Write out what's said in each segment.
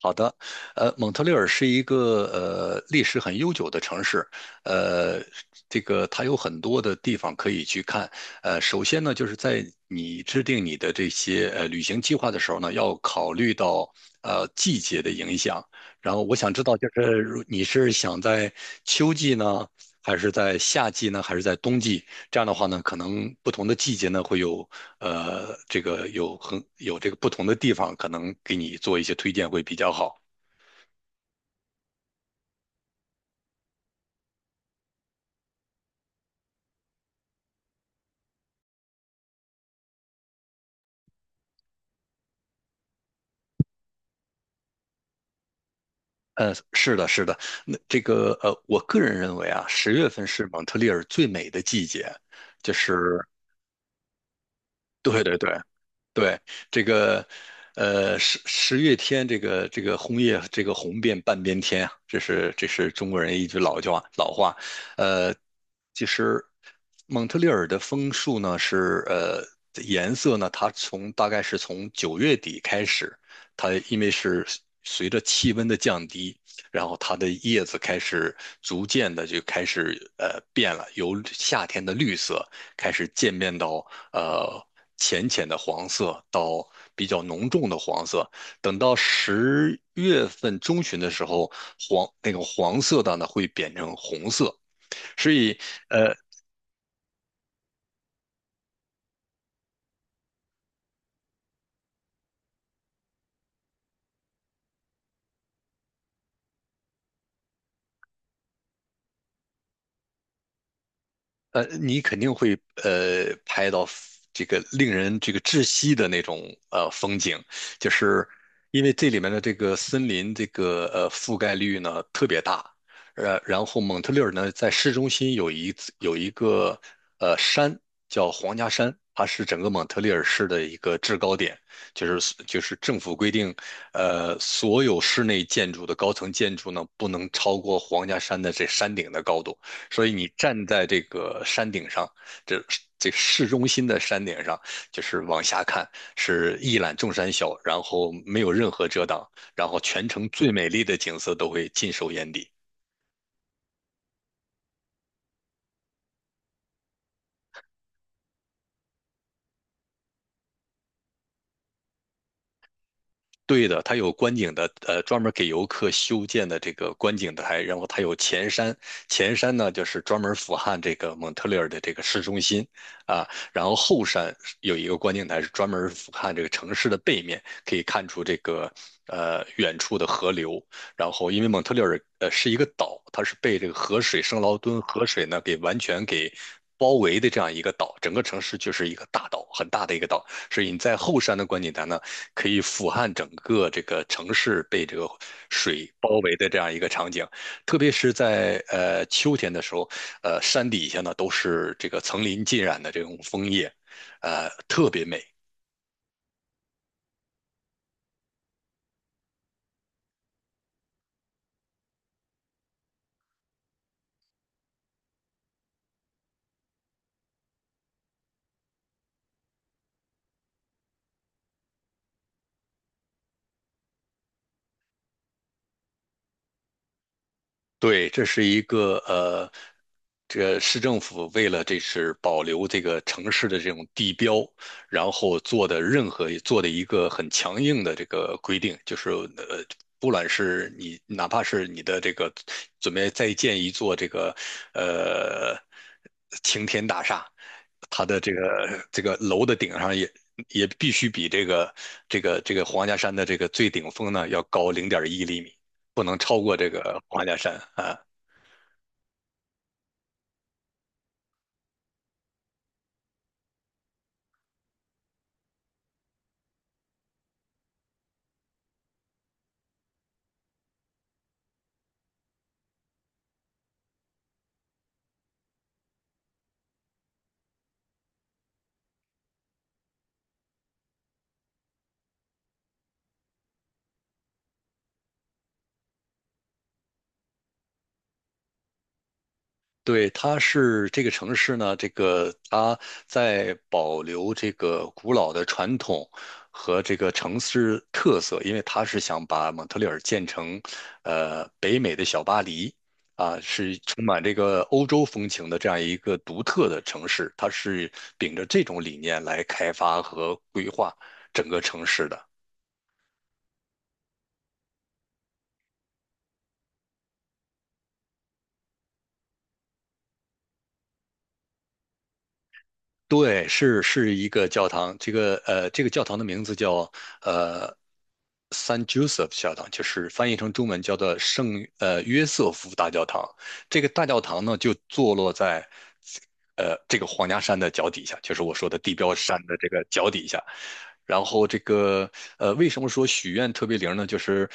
好的，蒙特利尔是一个历史很悠久的城市，呃，这个它有很多的地方可以去看。首先呢，就是在你制定你的这些旅行计划的时候呢，要考虑到季节的影响。然后我想知道，就是如你是想在秋季呢，还是在夏季呢，还是在冬季？这样的话呢，可能不同的季节呢，会有这个有这个不同的地方，可能给你做一些推荐会比较好。是的，是的，那这个我个人认为啊，十月份是蒙特利尔最美的季节，就是对对对，对，这个，十月天，这个红叶，这个红遍半边天啊，这是中国人一句老话。呃，其实蒙特利尔的枫树呢是颜色呢，它大概是从9月底开始，它因为是随着气温的降低，然后它的叶子开始逐渐的就开始变了，由夏天的绿色开始渐变到呃浅浅的黄色到比较浓重的黄色。等到10月份中旬的时候，黄那个黄色的呢会变成红色。所以，呃，你肯定会拍到 这个令人窒息的那种风景，就是因为这里面的这个森林覆盖率呢特别大，然后蒙特利尔呢在市中心有一个山叫皇家山，它是整个蒙特利尔市的一个制高点，就是政府规定，所有室内建筑的高层建筑呢不能超过皇家山的这山顶的高度。所以你站在这个山顶上，这这市中心的山顶上，就是往下看，是一览众山小，然后没有任何遮挡，然后全城最美丽的景色都会尽收眼底。对的，它有观景的，专门给游客修建的这个观景台，然后它有前山，前山呢就是专门俯瞰这个蒙特利尔的这个市中心啊，然后后山有一个观景台是专门俯瞰这个城市的背面，可以看出这个远处的河流，然后因为蒙特利尔是一个岛，它是被这个河水圣劳敦河水呢给完全给包围的这样一个岛，整个城市就是一个大岛，很大的一个岛，所以你在后山的观景台呢，可以俯瞰整个这个城市被这个水包围的这样一个场景。特别是在秋天的时候，山底下呢都是这个层林尽染的这种枫叶，特别美。对，这是一个这市政府为了这是保留这个城市的这种地标，然后做的一个很强硬的这个规定，就是不管是你哪怕是你的这个准备再建一座这个呃晴天大厦，它的这个楼的顶上也必须比这个这个皇家山的这个最顶峰呢要高0.1厘米。不能超过这个花家山啊。对，它是这个城市呢，这个它在保留这个古老的传统和这个城市特色，因为它是想把蒙特利尔建成，北美的小巴黎啊，是充满这个欧洲风情的这样一个独特的城市，它是秉着这种理念来开发和规划整个城市的。对，是一个教堂，这个这个教堂的名字叫呃 San Joseph 教堂，就是翻译成中文叫做圣约瑟夫大教堂。这个大教堂呢，就坐落在这个皇家山的脚底下，就是我说的地标山的这个脚底下。然后这个为什么说许愿特别灵呢？就是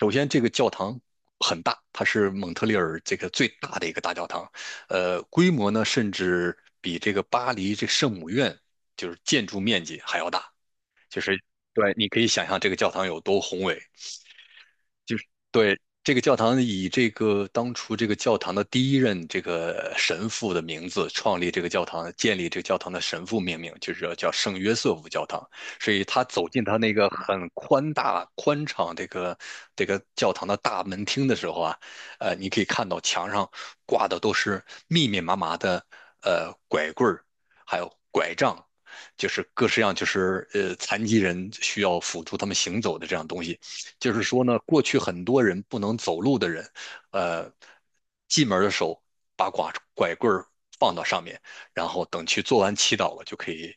首先这个教堂很大，它是蒙特利尔这个最大的一个大教堂，规模呢，甚至比这个巴黎这圣母院就是建筑面积还要大。就是对，你可以想象这个教堂有多宏伟，就是对这个教堂以这个当初这个教堂的第一任这个神父的名字创立这个教堂，建立这个教堂的神父命名，就是叫圣约瑟夫教堂。所以他走进他那个很宽大、宽敞这个教堂的大门厅的时候啊，你可以看到墙上挂的都是密密麻麻的拐棍儿，还有拐杖。就是各式样，就是残疾人需要辅助他们行走的这样东西，就是说呢，过去很多人不能走路的人，呃，进门的时候把拐棍儿放到上面，然后等去做完祈祷了，就可以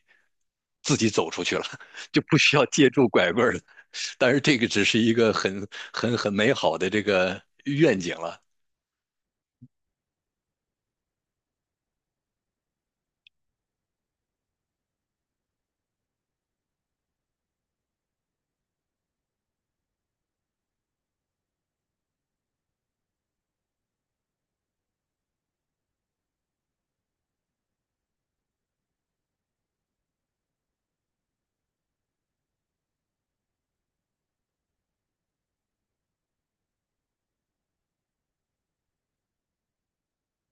自己走出去了，就不需要借助拐棍儿了。但是这个只是一个很美好的这个愿景了，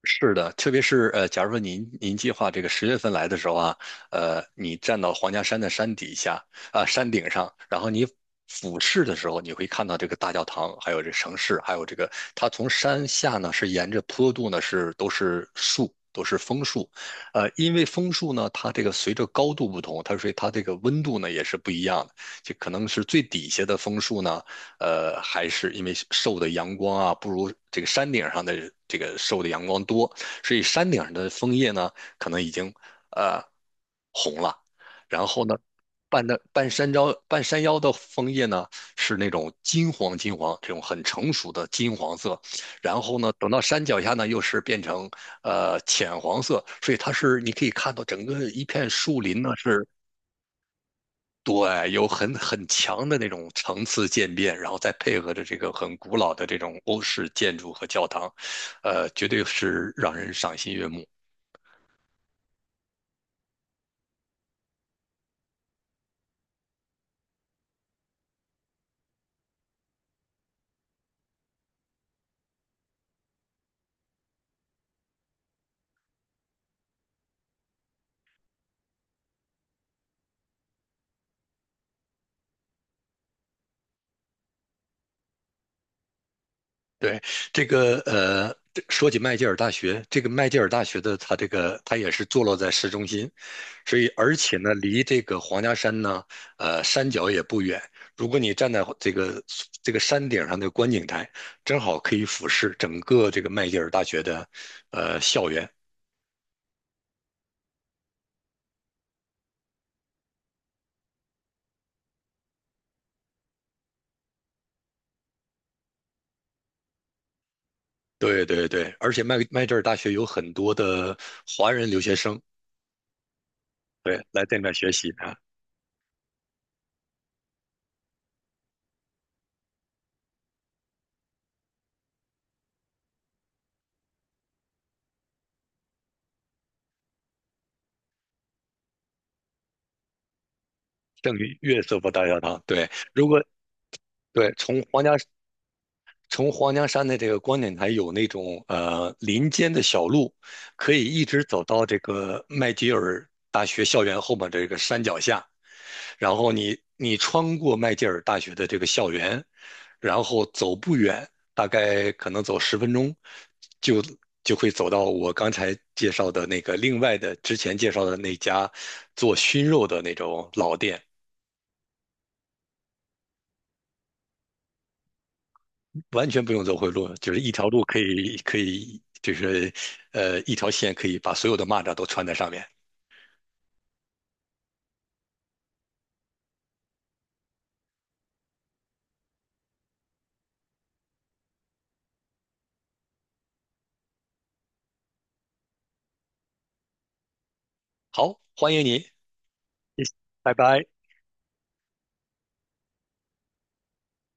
是的，特别是假如说您计划这个十月份来的时候啊，你站到皇家山的山底下啊、山顶上，然后你俯视的时候，你会看到这个大教堂，还有这城市，还有这个它从山下呢是沿着坡度呢是都是树，都是枫树，因为枫树呢，它这个随着高度不同，所以它这个温度呢也是不一样的，就可能是最底下的枫树呢，还是因为受的阳光啊，不如这个山顶上的这个受的阳光多，所以山顶上的枫叶呢，可能已经呃红了。然后呢，半的半山腰半山腰的枫叶呢，是那种金黄金黄，这种很成熟的金黄色。然后呢，等到山脚下呢，又是变成浅黄色，所以它是你可以看到整个一片树林呢是对，有很强的那种层次渐变，然后再配合着这个很古老的这种欧式建筑和教堂，绝对是让人赏心悦目。对，这个这说起麦吉尔大学，这个麦吉尔大学的它这个它也是坐落在市中心，所以而且呢，离这个皇家山呢，山脚也不远。如果你站在这个山顶上的观景台，正好可以俯视整个这个麦吉尔大学的校园。对对对，而且麦吉尔大学有很多的华人留学生，对，来这边学习啊。圣约瑟夫大教堂，对，如果对从皇家山的这个观景台有那种林间的小路，可以一直走到这个麦吉尔大学校园后面这个山脚下，然后你穿过麦吉尔大学的这个校园，然后走不远，大概可能走10分钟，就就会走到我刚才介绍的那个另外的之前介绍的那家做熏肉的那种老店，完全不用走回路，就是一条路可以就是一条线可以把所有的蚂蚱都穿在上面。好，欢迎你，谢谢拜拜。